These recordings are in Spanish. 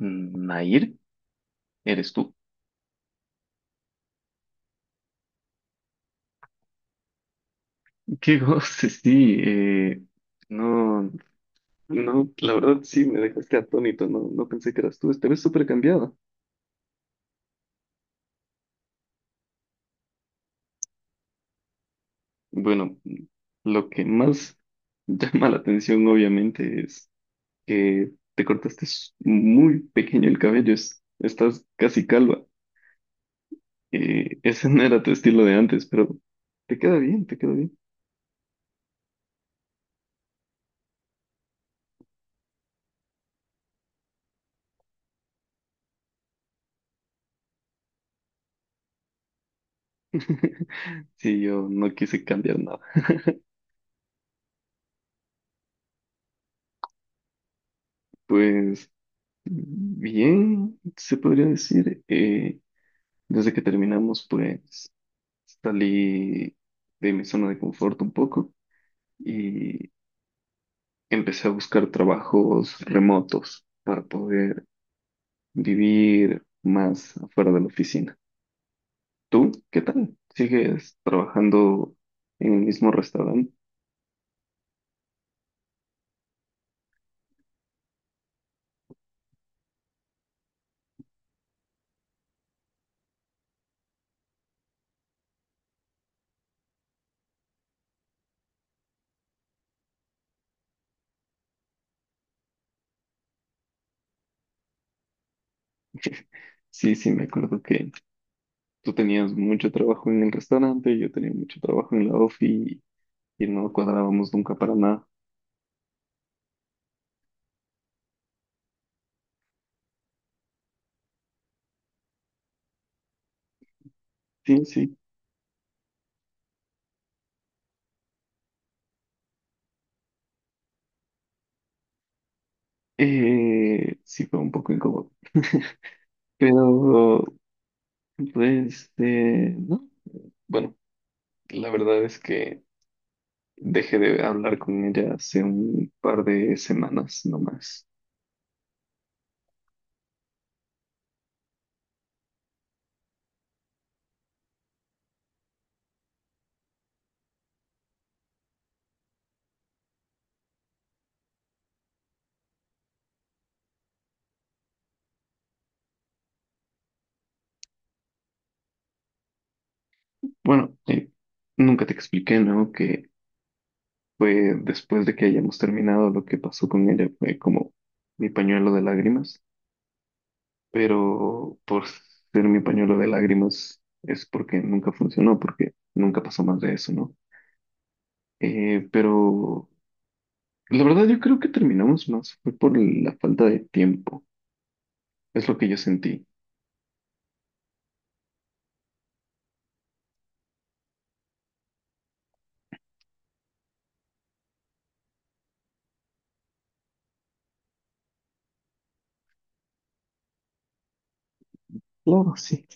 Mm, Nair, ¿eres tú? Qué goce, sí. No, no, la verdad sí me dejaste atónito. No pensé que eras tú. Esta vez súper cambiada. Bueno, lo que más llama la atención, obviamente, es que muy pequeño el cabello, estás casi calva. Ese no era tu estilo de antes, pero te queda bien, te queda bien. Sí, yo no quise cambiar nada. Pues bien, se podría decir. Desde que terminamos, pues salí de mi zona de confort un poco y empecé a buscar trabajos remotos para poder vivir más afuera de la oficina. ¿Tú qué tal? ¿Sigues trabajando en el mismo restaurante? Sí, sí, me acuerdo que tú tenías mucho trabajo en el restaurante, yo tenía mucho trabajo en la ofi y no cuadrábamos nunca para nada. Sí, sí. Sí fue un poco incómodo. Pero, no. Bueno, la verdad es que dejé de hablar con ella hace un par de semanas nomás. Bueno, nunca te expliqué, ¿no? Que fue después de que hayamos terminado lo que pasó con ella, fue como mi pañuelo de lágrimas. Pero por ser mi pañuelo de lágrimas es porque nunca funcionó, porque nunca pasó más de eso, ¿no? Eh, pero. La verdad, yo creo que terminamos más fue por la falta de tiempo. Es lo que yo sentí. Claro, sí.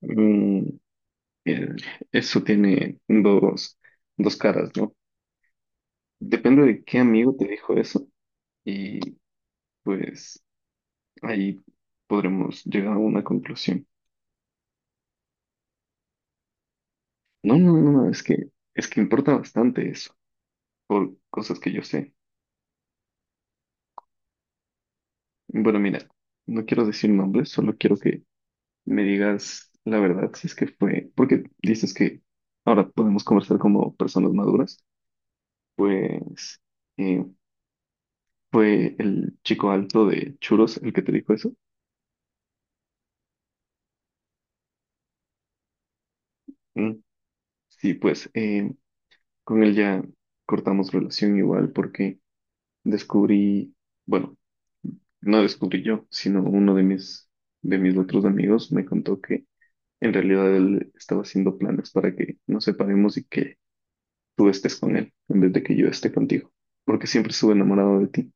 Mm, eh, Eso tiene dos caras, ¿no? Depende de qué amigo te dijo eso, y pues ahí podremos llegar a una conclusión. No, no, no, no, es que importa bastante eso por cosas que yo sé. Bueno, mira, no quiero decir nombres, solo quiero que me digas la verdad, si es que fue, porque dices que ahora podemos conversar como personas maduras. pues eh, Fue el chico alto de Churos el que te dijo eso. Mm. Sí, con él ya cortamos relación igual porque descubrí, bueno, no descubrí yo, sino uno de mis otros amigos me contó que en realidad él estaba haciendo planes para que nos separemos y que tú estés con él en vez de que yo esté contigo, porque siempre estuve enamorado de ti.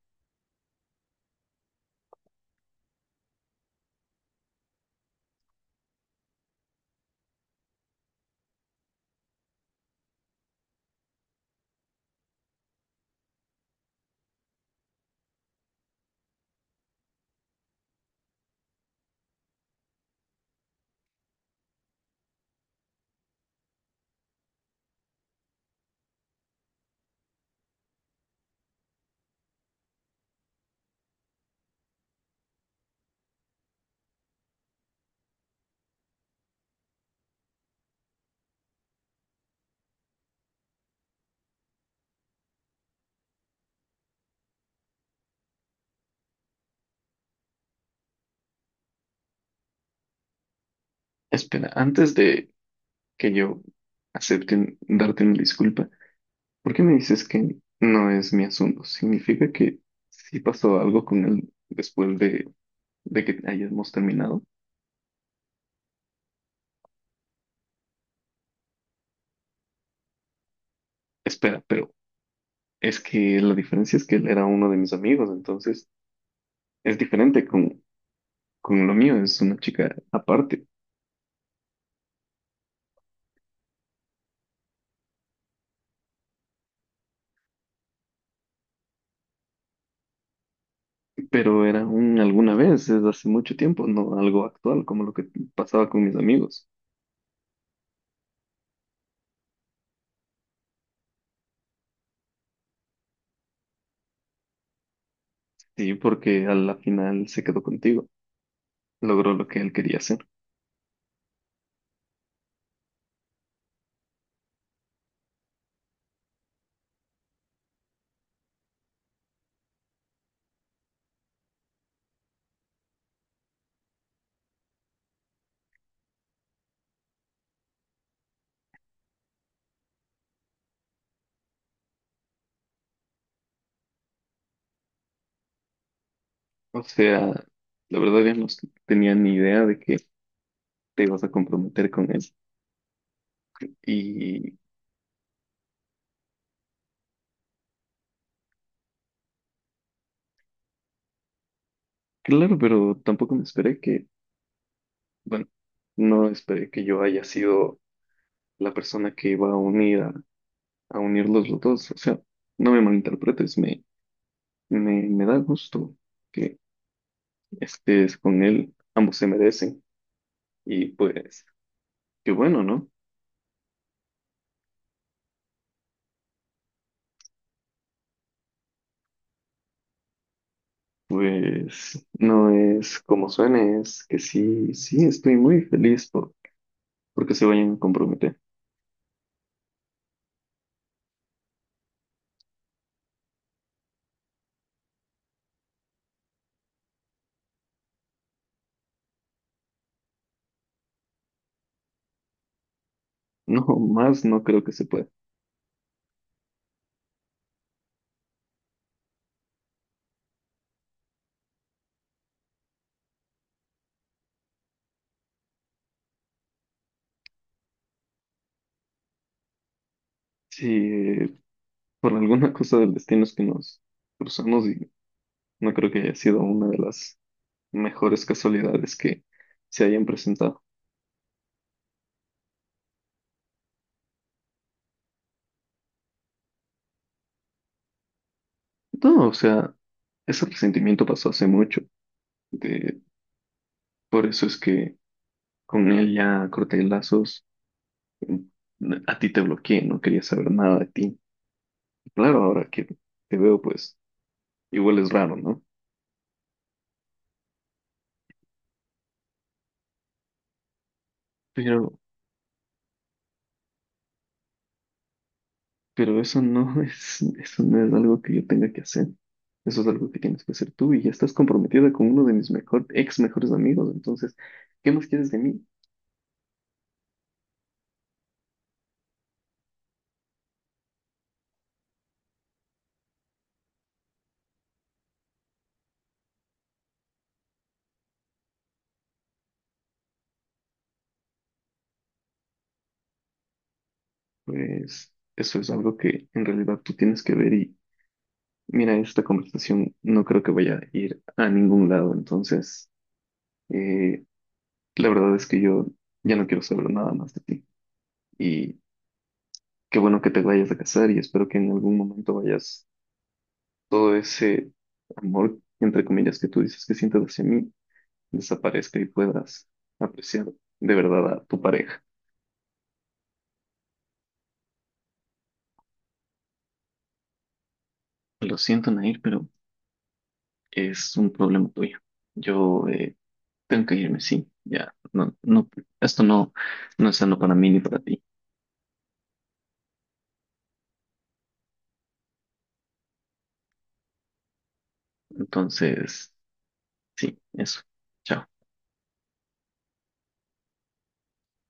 Espera, antes de que yo acepte darte una disculpa, ¿por qué me dices que no es mi asunto? ¿Significa que sí pasó algo con él después de que hayamos terminado? Espera, pero es que la diferencia es que él era uno de mis amigos, entonces es diferente con lo mío, es una chica aparte, pero era un alguna vez, es hace mucho tiempo, no algo actual como lo que pasaba con mis amigos. Sí, porque a la final se quedó contigo. Logró lo que él quería hacer. O sea, la verdad yo no tenía ni idea de que te ibas a comprometer con él. Y claro, pero tampoco me esperé que, bueno, no esperé que yo haya sido la persona que iba a unir a unirlos los dos. O sea, no me malinterpretes, me da gusto que estés con él. Ambos se merecen. Y pues, qué bueno, ¿no? Pues no es como suene, es que sí, sí, estoy muy feliz porque se vayan a comprometer. No, más no creo que se pueda. Si por alguna cosa del destino es que nos cruzamos, y no creo que haya sido una de las mejores casualidades que se hayan presentado. No, o sea, ese resentimiento pasó hace mucho. De, por eso es que con él ya corté lazos. Mm, a ti te bloqueé, no quería saber nada de ti. Claro, ahora que te veo, pues igual es raro, ¿no? Pero, pero eso no es, eso no es algo que yo tenga que hacer. Eso es algo que tienes que hacer tú, y ya estás comprometida con uno de mis mejor, ex mejores amigos. Entonces, ¿qué más quieres de mí? Pues eso es algo que en realidad tú tienes que ver, y mira, esta conversación no creo que vaya a ir a ningún lado. Entonces, eh, la verdad es que yo ya no quiero saber nada más de ti. Y qué bueno que te vayas a casar, y espero que en algún momento vayas todo ese amor, entre comillas, que tú dices que sientes hacia mí, desaparezca y puedas apreciar de verdad a tu pareja. Lo siento, Nair, pero es un problema tuyo. Yo tengo que irme, sí, ya, no, no, esto no, no es sano para mí ni para ti. Entonces, sí, eso. Chao.